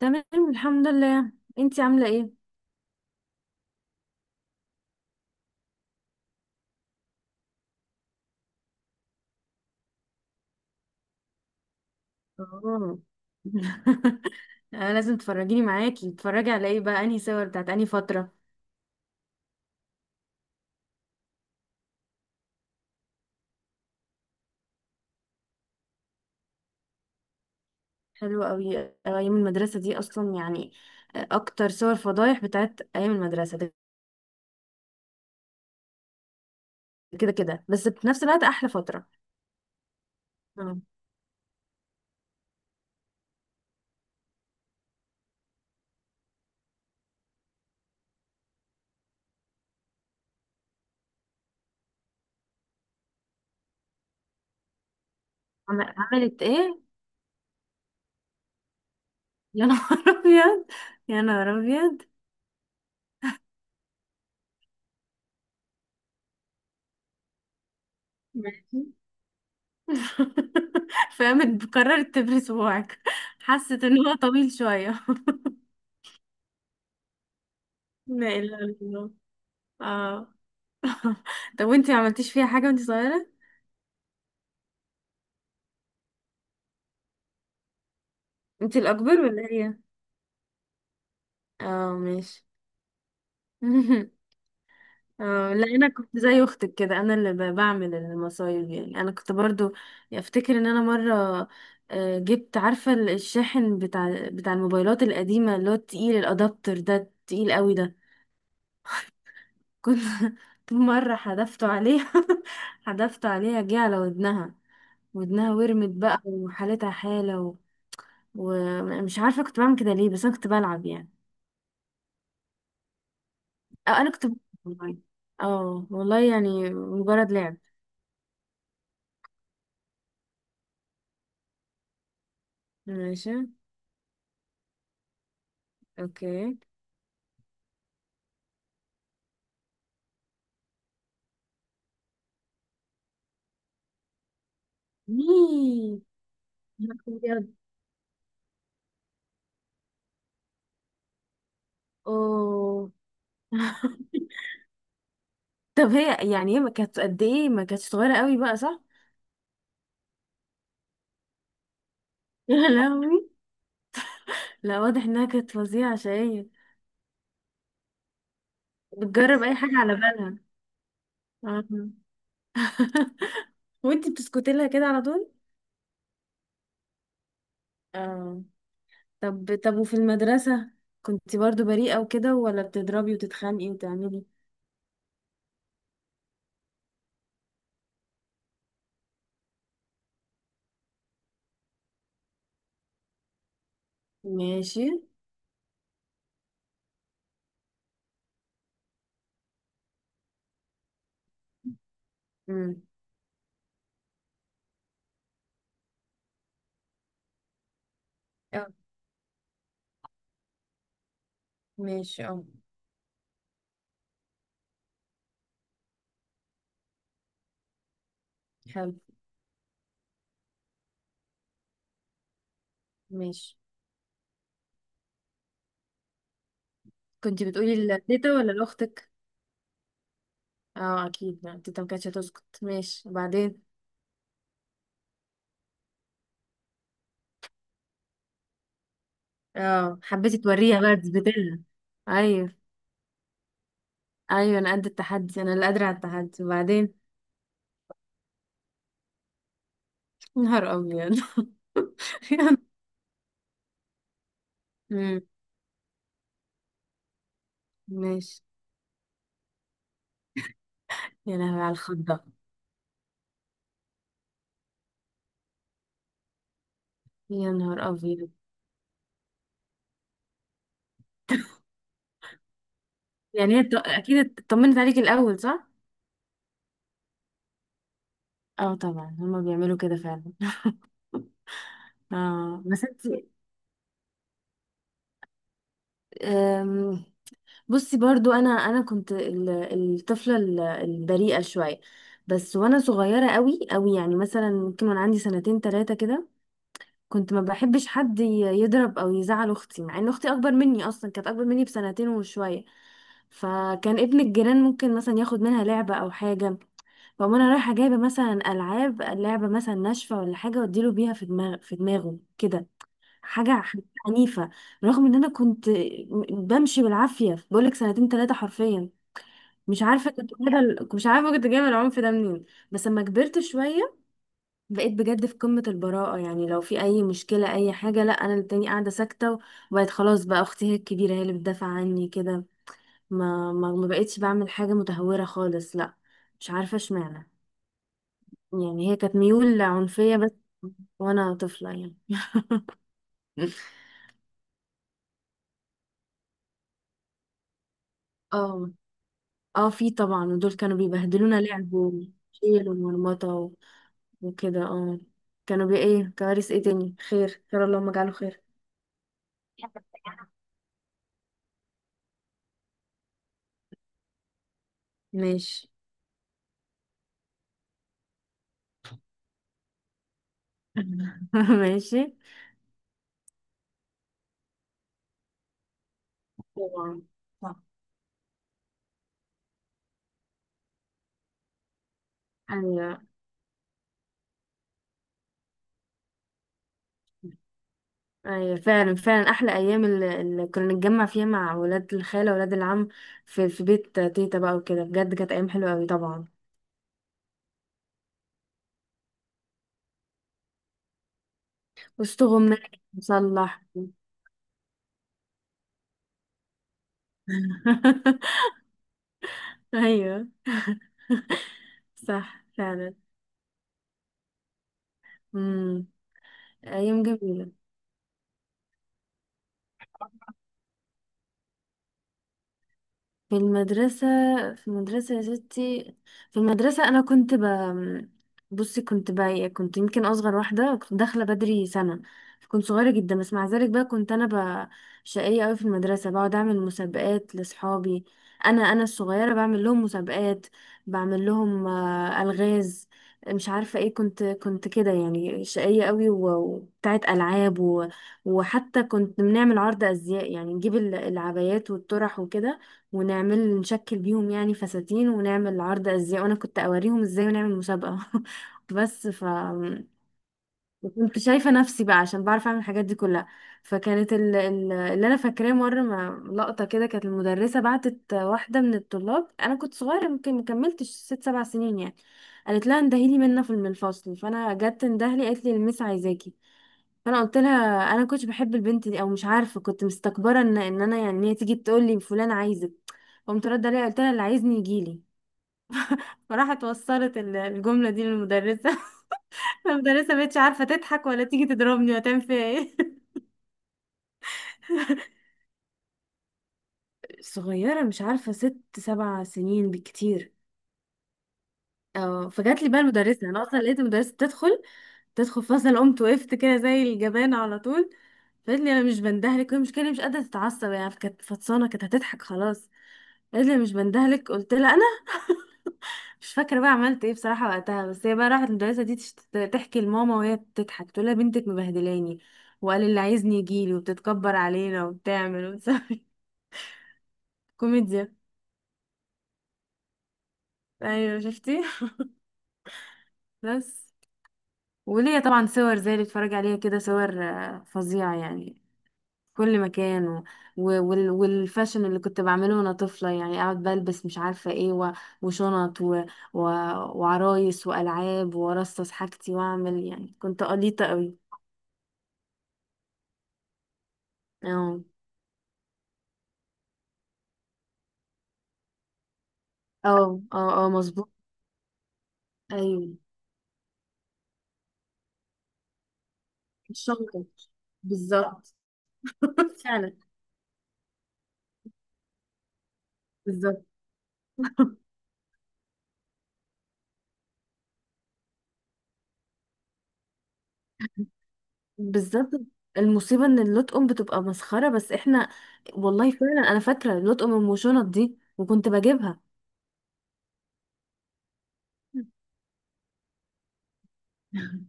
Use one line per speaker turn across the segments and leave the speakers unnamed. تمام. الحمد لله. انتي عاملة ايه؟ اه. انا لازم تفرجيني معاكي، تتفرجي على ايه بقى، انهي صور بتاعت انهي فترة؟ حلوة قوي اه، ايام المدرسة دي اصلا يعني. اه، اكتر صور فضايح بتاعت ايام المدرسة ده. كده كده، بس في نفس الوقت احلى فترة. اه. عملت ايه؟ يا نهار ابيض. يا نهار ابيض. ماشي. فقامت قررت تبري صباعك. حست ان هو طويل شوية. لا اله الا الله. اه. طب وانتي ما عملتيش فيها حاجة وانتي صغيرة؟ انتي الأكبر ولا هي؟ اه، ماشي. اه لا، انا كنت زي اختك كده، انا اللي بعمل المصايب يعني، انا كنت برضو افتكر ان انا مرة جبت، عارفة الشاحن بتاع الموبايلات القديمة اللي هو التقيل الادابتر ده، التقيل قوي ده. كنت كنت مرة حدفته عليها. حدفته عليها، جه على ودنها. ودنها ورمت بقى وحالتها حالة و... ومش عارفة كنت بعمل كده ليه، بس انا كنت بلعب يعني. أو أنا كنت بلعب. والله. اه والله، يعني مجرد لعب. ماشي. اوكي. مي. يا نهار أبيض. اوه. طب هي يعني هي ما كانت قد ايه، ما كانتش صغيرة قوي بقى، صح؟ يا لهوي. لا، واضح انها كانت فظيعة شقية. بتجرب اي حاجة على بالها. آه. وانتي بتسكتي لها كده على طول؟ اه. طب طب، وفي المدرسة كنتي برضو بريئة وكده، ولا بتضربي وتتخانقي وتعملي؟ ماشي. امم. اه، ماشي. اه. حلو. ماشي. كنت بتقولي لتيتا ولا لأختك؟ اه اكيد، ما تيتا ما كانتش هتسكت. ماشي وبعدين؟ اه، حبيتي توريها بقى، تثبتلها؟ ايوه. ايوه، انا قد التحدي، انا اللي قادرة على التحدي. وبعدين؟ يا نهار ابيض. امم، ماشي. يا لهوي على الخضة. يا نهار ابيض. يعني هي اكيد اطمنت عليك الاول، صح؟ اه طبعا، هما بيعملوا كده فعلا. اه بس. انت، بصي برضو انا كنت الطفله البريئه شويه بس، وانا صغيره قوي قوي يعني، مثلا ممكن وانا عندي سنتين ثلاثه كده كنت ما بحبش حد يضرب او يزعل اختي، مع ان اختي اكبر مني، اصلا كانت اكبر مني بسنتين وشويه. فكان ابن الجيران ممكن مثلا ياخد منها لعبه او حاجه، فأقوم انا رايحه جايبه مثلا العاب، لعبه مثلا ناشفه ولا حاجه، واديله بيها في دماغه كده. حاجة حاجة عنيفة، رغم ان انا كنت بمشي بالعافية، بقولك سنتين تلاتة حرفيا. مش عارفة كنت جايبة ال- مش عارفة كنت جايبة العنف ده منين. بس لما كبرت شوية بقيت بجد في قمة البراءة، يعني لو في أي مشكلة أي حاجة، لا أنا التاني قاعدة ساكتة. وبقيت خلاص بقى، أختي هي الكبيرة، هي اللي بتدافع عني كده، ما بقيتش بعمل حاجة متهورة خالص، لا. مش عارفة اشمعنى، يعني هي كانت ميول عنفية بس، وأنا طفلة يعني. اه اه، في طبعا، ودول كانوا بيبهدلونا لعب وشيل ومرمطة وكده، اه. كانوا ايه، كوارث ايه تاني، خير خير، اللهم اجعله خير. ماشي. ماشي. طبعا. صح. ايوه ايوه، فعلا فعلا احلى ايام، اللي كنا نتجمع فيها مع ولاد الخاله ولاد العم في بيت تيتا بقى وكده، بجد كانت ايام حلوه قوي طبعا، وسط غماء مصلح. ايوه. صح فعلا. أيام جميلة. في المدرسة، في المدرسة يا ستي، في المدرسة أنا كنت بصي، كنت بقى إيه، كنت يمكن أصغر واحدة، كنت داخلة بدري سنة، كنت صغيرة جدا. بس مع ذلك بقى كنت أنا شقية أوي في المدرسة، بقعد أعمل مسابقات لأصحابي، أنا الصغيرة بعمل لهم مسابقات، بعمل لهم ألغاز، مش عارفة ايه. كنت كده يعني، شقية قوي وبتاعت ألعاب و... وحتى كنت بنعمل عرض أزياء، يعني نجيب العبايات والطرح وكده، ونعمل نشكل بيهم يعني فساتين، ونعمل عرض ازياء وانا كنت اوريهم ازاي، ونعمل مسابقة. بس. كنت شايفة نفسي بقى، عشان بعرف اعمل الحاجات دي كلها. فكانت اللي انا فاكراه مرة، ما لقطة كده، كانت المدرسة بعتت واحدة من الطلاب، انا كنت صغيرة يمكن مكملتش ست سبع سنين يعني، قالت لها اندهيلي منا في الفصل. فانا جت اندهلي، قالت لي: المس عايزاكي. فانا قلت لها، انا كنتش بحب البنت دي، او مش عارفه كنت مستكبره ان انا يعني، إن هي تيجي تقول لي فلان عايزك. قمت رد عليها قلت لها: اللي عايزني يجي لي. فراحت وصلت الجمله دي للمدرسه. المدرسه مبقتش عارفه تضحك ولا تيجي تضربني ولا تعمل فيها ايه. صغيره، مش عارفه، ست سبع سنين بالكتير. اه، فجات لي بقى المدرسة، انا اصلا لقيت المدرسة تدخل فصل، قمت وقفت كده زي الجبانة على طول. فقالت لي: انا مش بندهلك. وهي مش كده، مش قادرة تتعصب يعني، كانت فطسانة، كانت هتضحك خلاص. قالت لي: أنا مش بندهلك. قلت لها انا مش فاكرة بقى عملت ايه بصراحة وقتها. بس هي بقى راحت، المدرسة دي تحكي لماما وهي بتضحك، تقول لها: بنتك مبهدلاني وقال اللي عايزني يجيلي، وبتتكبر علينا وبتعمل وبتسوي. كوميديا. ايوه شفتي. بس وليا طبعا صور زي اللي بتفرج عليها كده، صور فظيعة يعني، في كل مكان و... والفاشن اللي كنت بعمله وانا طفلة، يعني اقعد بلبس مش عارفة ايه و... وشنط و... و... وعرايس والعاب، وارصص حاجتي واعمل، يعني كنت قليطة قوي. اه اه اه اه، مظبوط. ايوه. الشنطة. بالظبط. فعلا. بالظبط. بالذات. المصيبة ان اللطقم بتبقى مسخرة، بس احنا، والله فعلا، انا فاكرة اللطقم ام شنط دي، وكنت بجيبها.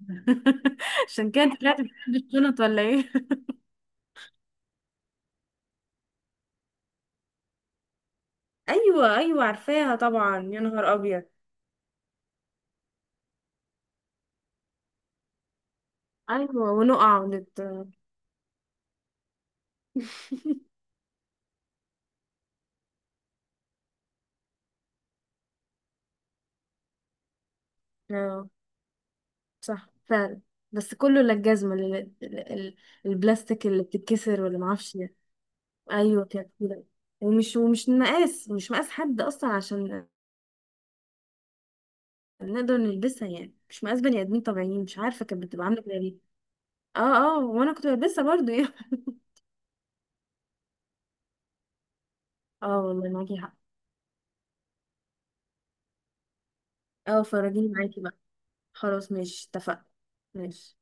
عشان كده انت طلعت بتحب الشنط، ولا ايه؟ ايوه ايوه عارفاها طبعا. يا نهار ابيض. ايوه، ونقع ونت... اه صح فعلا. بس كله، لا الجزمة ال- ال- البلاستيك اللي بتتكسر ولا معرفش ايه. ايوه كده كده. ومش ومش مقاس مش مقاس حد اصلا عشان نقدر نلبسها يعني، مش مقاس بني ادمين طبيعيين، مش عارفه كانت بتبقى عامله كده ليه. اه. اه، وانا كنت بلبسها برضو يعني. اه والله، معاكي حق. اه، فرجيني معاكي بقى. خلاص ماشي، اتفقنا. ماشي.